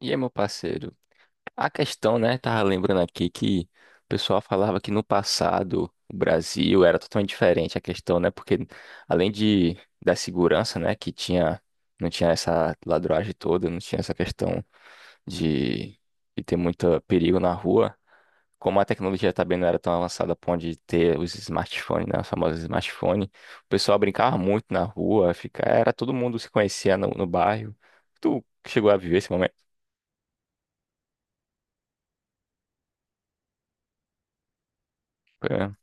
E aí, meu parceiro, a questão, né? Tava lembrando aqui que o pessoal falava que no passado o Brasil era totalmente diferente a questão, né? Porque além de da segurança, né, que tinha não tinha essa ladruagem toda, não tinha essa questão de, de ter muito perigo na rua, como a tecnologia também não era tão avançada para onde ter os smartphones, né, os famosos smartphones, o pessoal brincava muito na rua, fica, era todo mundo se conhecia no, no bairro. Tu chegou a viver esse momento? Foi, né?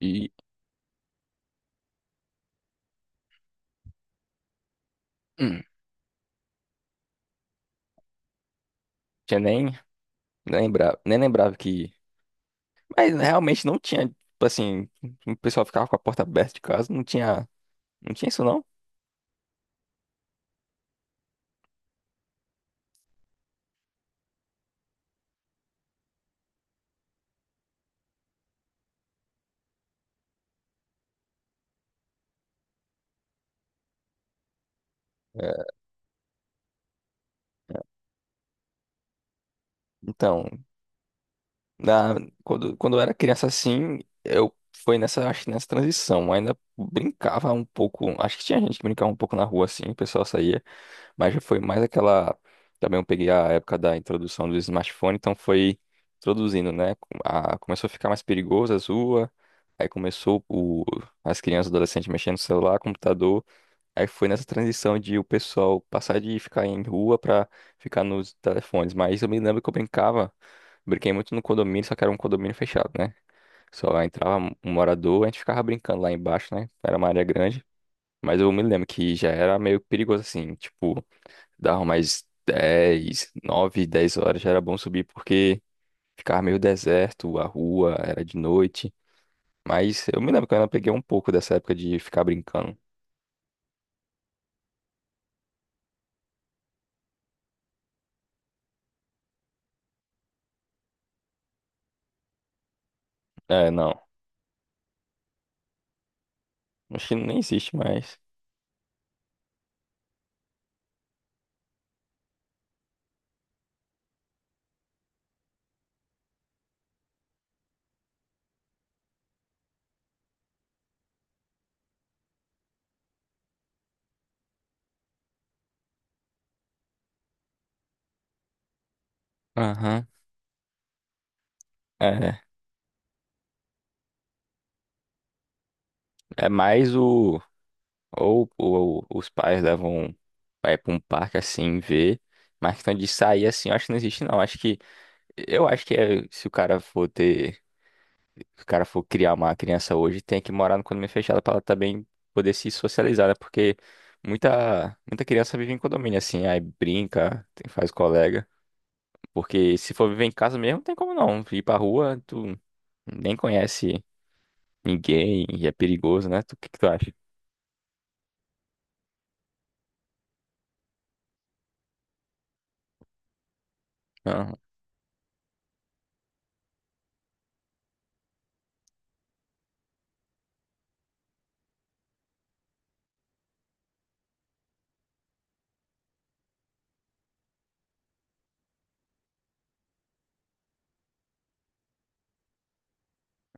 E hum, tinha nem lembrava, nem lembrava que. Mas realmente não tinha, tipo assim, o pessoal ficava com a porta aberta de casa, não tinha, não tinha isso não. É, então, Na, quando eu era criança assim, eu foi nessa, acho que nessa transição. Eu ainda brincava um pouco. Acho que tinha gente que brincava um pouco na rua assim, o pessoal saía, mas já foi mais aquela. Também eu peguei a época da introdução do smartphone, então foi introduzindo, né? Começou a ficar mais perigoso as ruas, aí começou o, as crianças e adolescentes mexendo no celular, computador. Aí foi nessa transição de o pessoal passar de ficar em rua pra ficar nos telefones. Mas eu me lembro que eu brincava, brinquei muito no condomínio, só que era um condomínio fechado, né? Só entrava um morador, a gente ficava brincando lá embaixo, né? Era uma área grande. Mas eu me lembro que já era meio perigoso assim, tipo, dava mais 10, 9, 10 horas já era bom subir porque ficava meio deserto, a rua era de noite. Mas eu me lembro que eu ainda peguei um pouco dessa época de ficar brincando. É, não, acho que nem existe mais. Aham. É, é mais o. Ou os pais levam vai pra um parque assim ver. Mas questão de sair assim, eu acho que não existe, não. Acho que. Eu acho que é, se o cara for ter. Se o cara for criar uma criança hoje, tem que morar no condomínio fechado pra ela também poder se socializar, né? Porque muita, muita criança vive em condomínio, assim, aí brinca, faz colega. Porque se for viver em casa mesmo, não tem como não. Ir pra rua, tu nem conhece ninguém e é perigoso, né? O que que tu acha?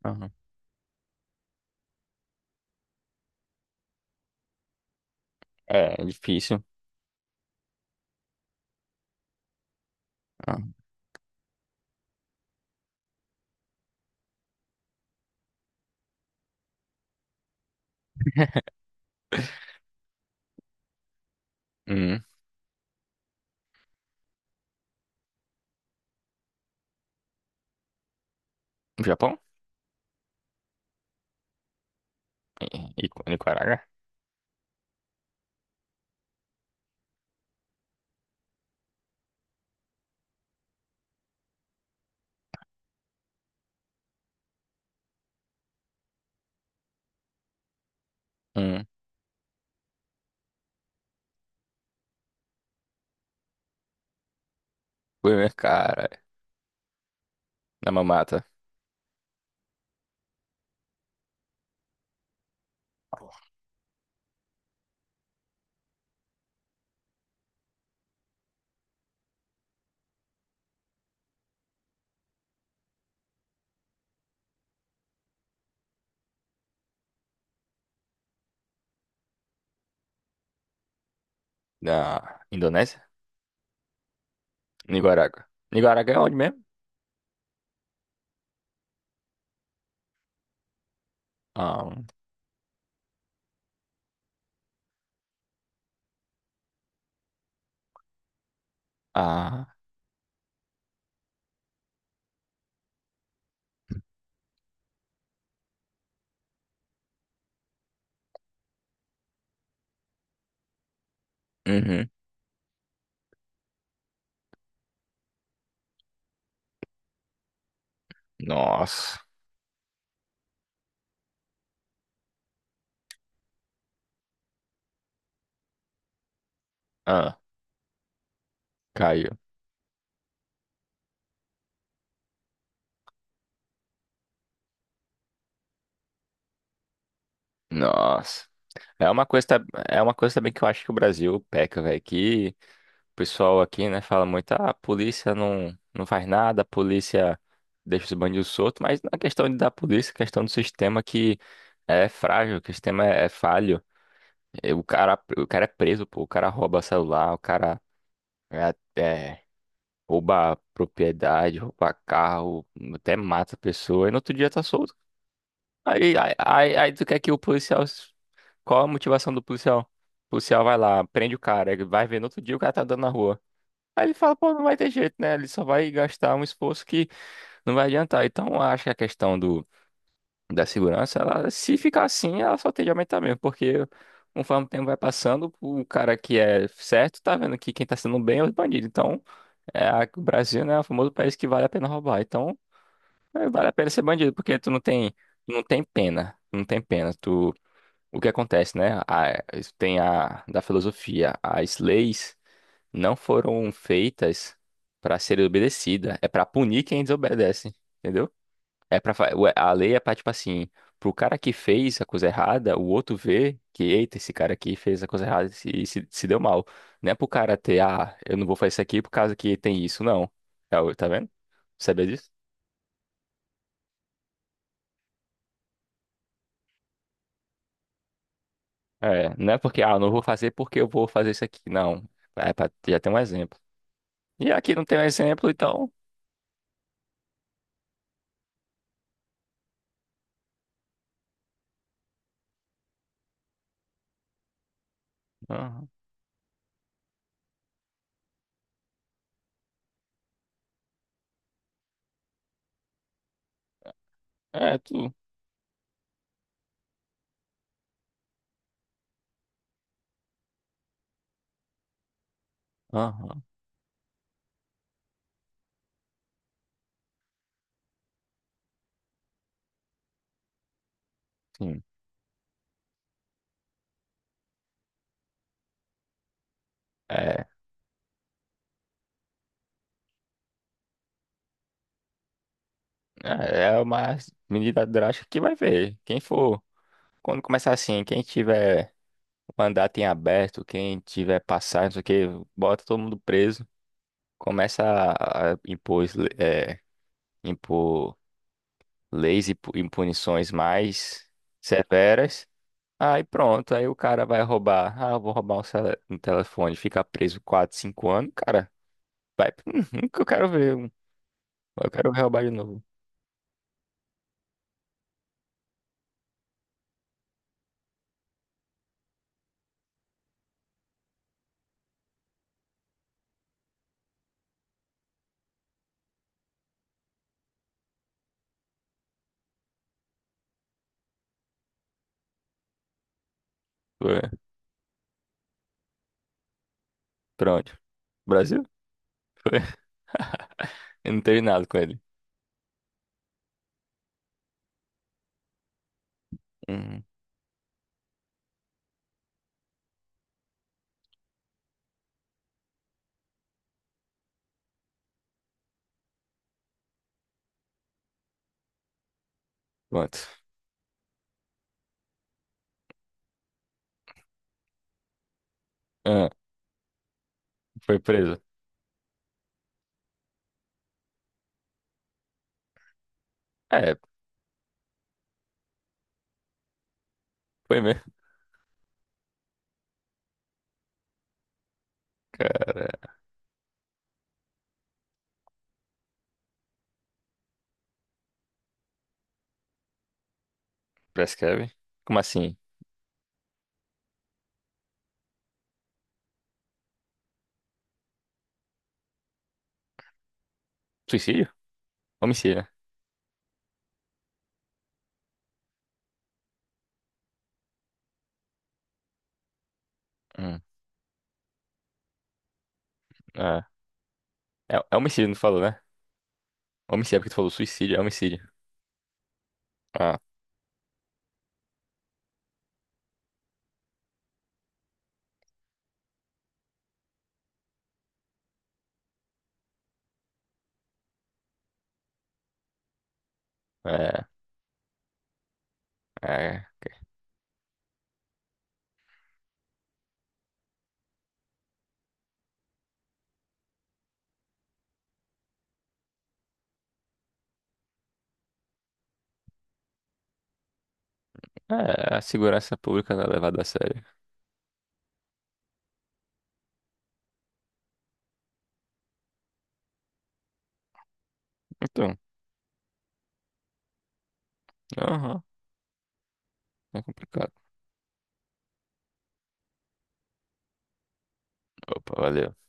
Aham. É, é difícil. Ah. Hum. Japão? E e Nicarágua? Hum. Fui ver, cara, na mamata. Na Indonésia? Nicarágua. Nicarágua é onde mesmo? Ah. Ah. Uhum. Nossa. Ah, caiu. Nossa. É uma coisa, é uma coisa também que eu acho que o Brasil peca, velho, que o pessoal aqui, né, fala muito, ah, a polícia não, não faz nada, a polícia deixa os bandidos soltos, mas não é questão de da polícia, é questão do sistema que é frágil, que o sistema é, é falho. E o cara, o cara é preso, pô, o cara rouba celular, o cara é, é, rouba propriedade, rouba carro, até mata a pessoa, e no outro dia tá solto. Aí tu quer que o policial. Qual a motivação do policial? O policial vai lá, prende o cara, ele vai ver no outro dia o cara tá andando na rua. Aí ele fala, pô, não vai ter jeito, né? Ele só vai gastar um esforço que não vai adiantar. Então, eu acho que a questão do, da segurança, ela, se ficar assim, ela só tende a aumentar mesmo, porque conforme o tempo vai passando, o cara que é certo tá vendo que quem tá sendo bem é os bandidos. Então, é, o Brasil, né, é o famoso país que vale a pena roubar. Então, é, vale a pena ser bandido, porque tu não tem pena, não tem pena. Tu, o que acontece, né? Tem a da filosofia, as leis não foram feitas para serem obedecidas. É para punir quem desobedece, entendeu? É para a lei é para tipo assim, pro cara que fez a coisa errada, o outro vê que eita, esse cara aqui fez a coisa errada e se deu mal. Não é pro cara ter, ah, eu não vou fazer isso aqui por causa que tem isso, não. Tá vendo? Sabia disso? É, não é porque, ah, eu não vou fazer porque eu vou fazer isso aqui. Não. É pra já ter um exemplo. E aqui não tem um exemplo, então. Aham. É, tu. Aham, sim. É, é é uma medida drástica que vai ver. Quem for, quando começar assim, quem tiver mandato em aberto, quem tiver passagem, não sei o que, bota todo mundo preso. Começa a impor, impor leis e punições mais severas. Aí pronto, aí o cara vai roubar. Ah, eu vou roubar um, um telefone, fica preso 4, 5 anos, cara. Vai, nunca eu quero ver. Eu quero roubar de novo. Foi. Pronto. Brasil? Eu não teve nada com ele. Uhum. Pronto. Ah, foi preso. É, foi mesmo, cara. Prescreve. Como assim? Suicídio? Homicídio, né? Hum. Ah, é, é homicídio, não falou, né? Homicídio, é porque tu falou suicídio, é homicídio. Ah, é, é. É, a segurança pública não é levada a sério. Então, aham, é complicado. Opa, valeu.